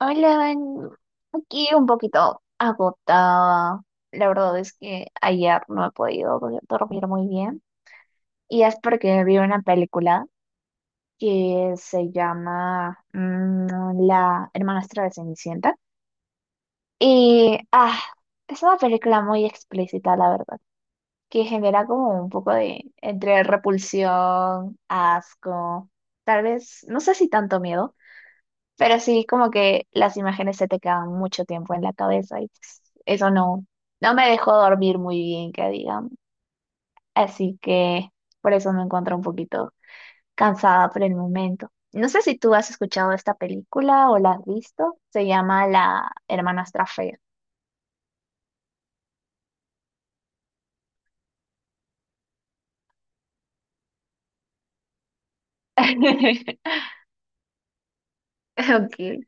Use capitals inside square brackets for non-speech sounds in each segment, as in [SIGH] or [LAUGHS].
Hola, Van. Aquí un poquito agotada. La verdad es que ayer no he podido dormir muy bien. Y es porque vi una película que se llama La hermanastra de Cenicienta. Y ah, es una película muy explícita, la verdad, que genera como un poco de entre repulsión, asco, tal vez, no sé si tanto miedo. Pero sí, como que las imágenes se te quedan mucho tiempo en la cabeza y pues, eso no, no me dejó dormir muy bien, que digamos. Así que por eso me encuentro un poquito cansada por el momento. No sé si tú has escuchado esta película o la has visto. Se llama La hermanastra fea. [LAUGHS] Ok.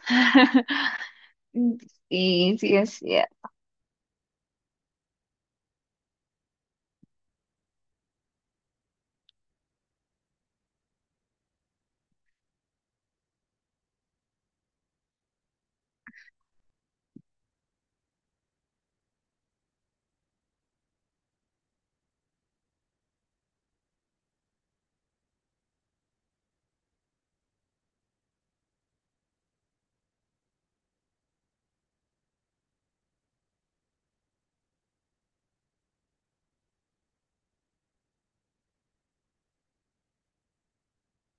[LAUGHS] sí, sí, es cierto.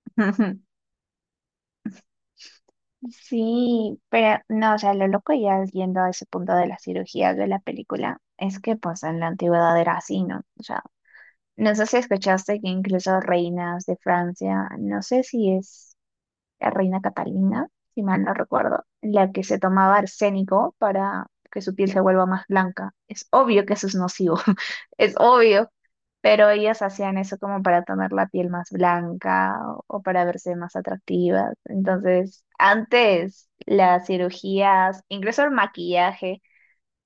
[LAUGHS] Sí, pero no, o sea, lo loco ya yendo a ese punto de las cirugías de la película es que pues en la antigüedad era así, ¿no? O sea, no sé si escuchaste que incluso reinas de Francia, no sé si es la reina Catalina, si mal no recuerdo, la que se tomaba arsénico para que su piel se vuelva más blanca. Es obvio que eso es nocivo, [LAUGHS] es obvio, pero ellas hacían eso como para tener la piel más blanca o para verse más atractivas. Entonces, antes las cirugías, incluso el maquillaje,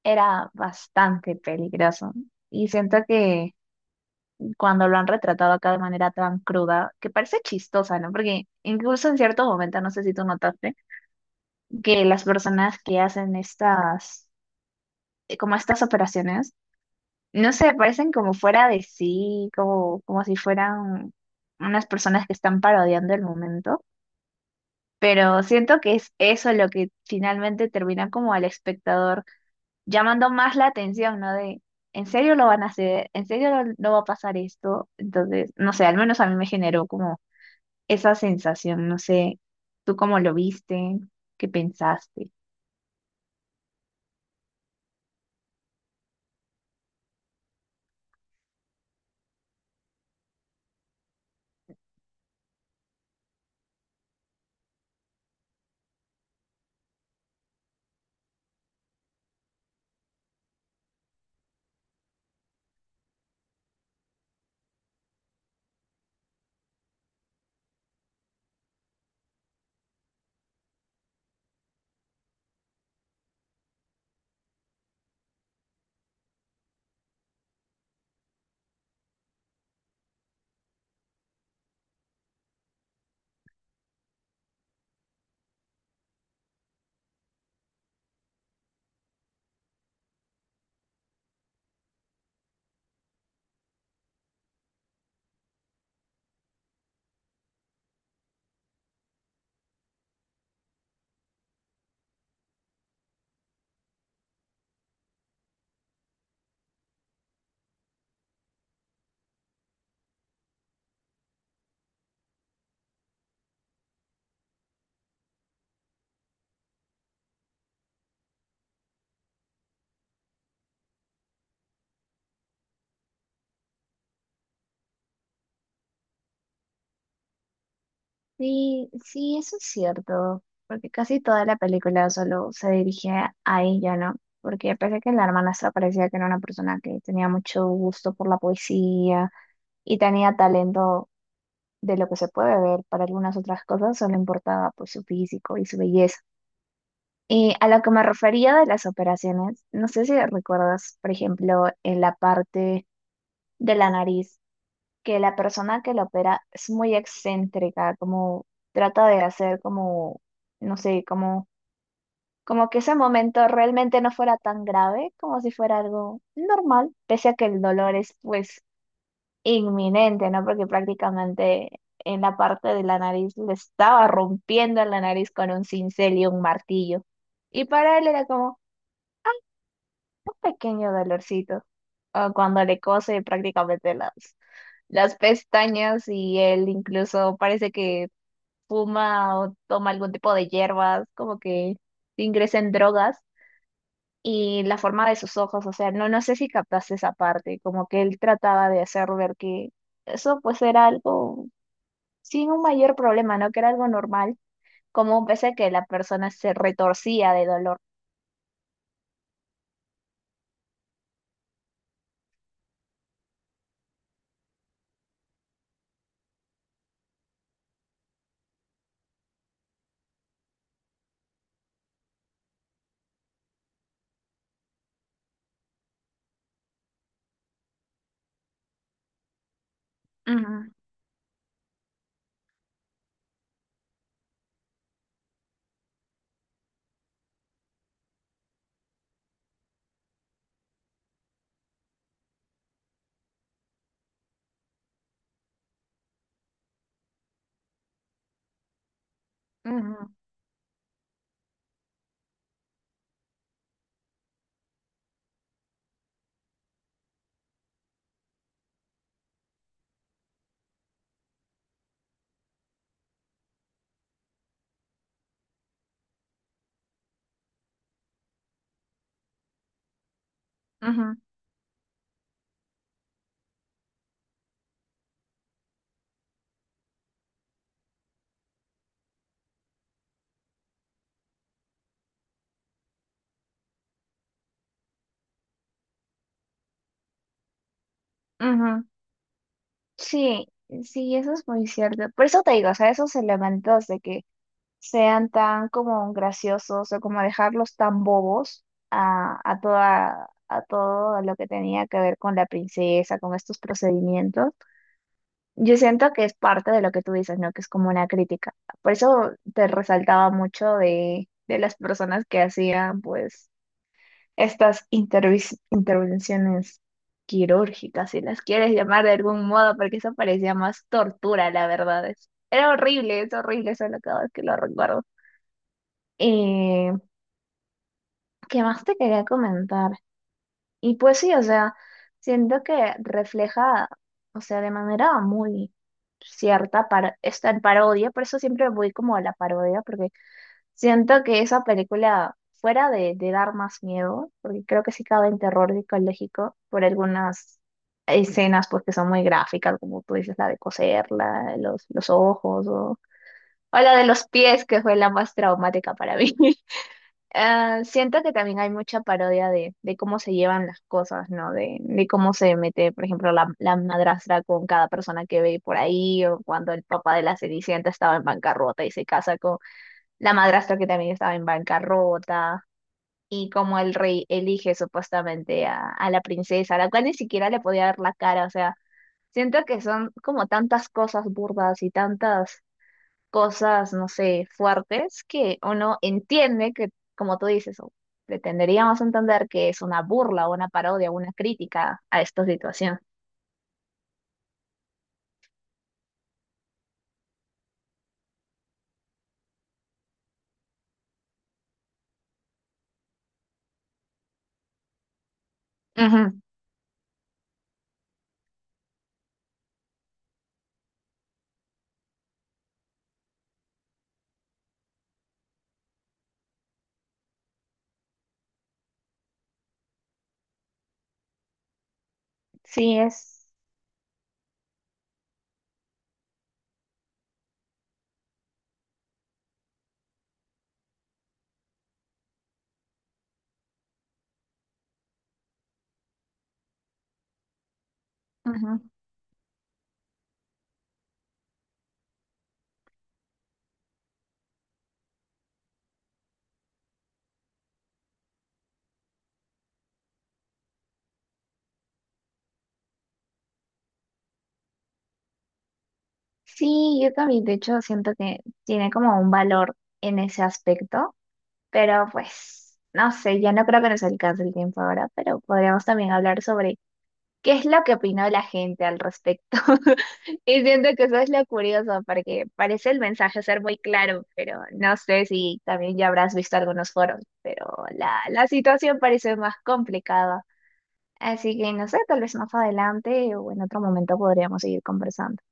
era bastante peligroso. Y siento que cuando lo han retratado acá de manera tan cruda, que parece chistosa, ¿no? Porque incluso en cierto momento, no sé si tú notaste, que las personas que hacen como estas operaciones, no sé, parecen como fuera de sí, como, como si fueran unas personas que están parodiando el momento. Pero siento que es eso lo que finalmente termina como al espectador llamando más la atención, ¿no? De, ¿en serio lo van a hacer? ¿En serio no va a pasar esto? Entonces, no sé, al menos a mí me generó como esa sensación. No sé, ¿tú cómo lo viste? ¿Qué pensaste? Sí, sí, eso es cierto, porque casi toda la película solo se dirigía a ella, ¿no? Porque pese a que la hermanastra parecía que era una persona que tenía mucho gusto por la poesía y tenía talento de lo que se puede ver para algunas otras cosas, solo importaba pues su físico y su belleza. Y a lo que me refería de las operaciones, no sé si recuerdas, por ejemplo, en la parte de la nariz que la persona que lo opera es muy excéntrica, como trata de hacer como, no sé, como, como que ese momento realmente no fuera tan grave, como si fuera algo normal, pese a que el dolor es pues inminente, ¿no? Porque prácticamente en la parte de la nariz le estaba rompiendo la nariz con un cincel y un martillo. Y para él era como un pequeño dolorcito. O cuando le cose prácticamente las pestañas y él incluso parece que fuma o toma algún tipo de hierbas, como que ingresa en drogas y la forma de sus ojos, o sea, no sé si captaste esa parte, como que él trataba de hacer ver que eso pues era algo sin un mayor problema, ¿no? Que era algo normal, como pese a que la persona se retorcía de dolor. Ujú, ujú, ujú, ujú. Sí, sí, eso es muy cierto. Por eso te digo, o sea, esos elementos de que sean tan como graciosos o como dejarlos tan bobos a todo lo que tenía que ver con la princesa, con estos procedimientos. Yo siento que es parte de lo que tú dices, ¿no? Que es como una crítica. Por eso te resaltaba mucho de las personas que hacían, pues, estas intervenciones quirúrgicas, si las quieres llamar de algún modo, porque eso parecía más tortura, la verdad. Era horrible, es horrible solo cada vez que lo recuerdo. ¿Qué más te quería comentar? Y pues sí, o sea, siento que refleja, o sea, de manera muy cierta para esta en parodia, por eso siempre voy como a la parodia, porque siento que esa película, fuera de dar más miedo, porque creo que sí cabe en terror psicológico por algunas escenas, porque son muy gráficas, como tú dices, la de coserla, los ojos, o la de los pies, que fue la más traumática para mí. Ah, siento que también hay mucha parodia de cómo se llevan las cosas, ¿no? De cómo se mete, por ejemplo, la madrastra con cada persona que ve por ahí, o cuando el papá de la Cenicienta estaba en bancarrota y se casa con la madrastra que también estaba en bancarrota, y cómo el rey elige supuestamente a la princesa, a la cual ni siquiera le podía ver la cara, o sea, siento que son como tantas cosas burdas y tantas cosas, no sé, fuertes que uno entiende que, como tú dices, o pretenderíamos entender que es una burla, o una parodia, o una crítica a esta situación. Ujú. Sí, es. Ujú. Sí, yo también, de hecho, siento que tiene como un valor en ese aspecto, pero pues, no sé, ya no creo que nos alcance el tiempo ahora, pero podríamos también hablar sobre qué es lo que opinó la gente al respecto. [LAUGHS] Y siento que eso es lo curioso, porque parece el mensaje ser muy claro, pero no sé si también ya habrás visto algunos foros, pero la situación parece más complicada. Así que no sé, tal vez más adelante o en otro momento podríamos seguir conversando.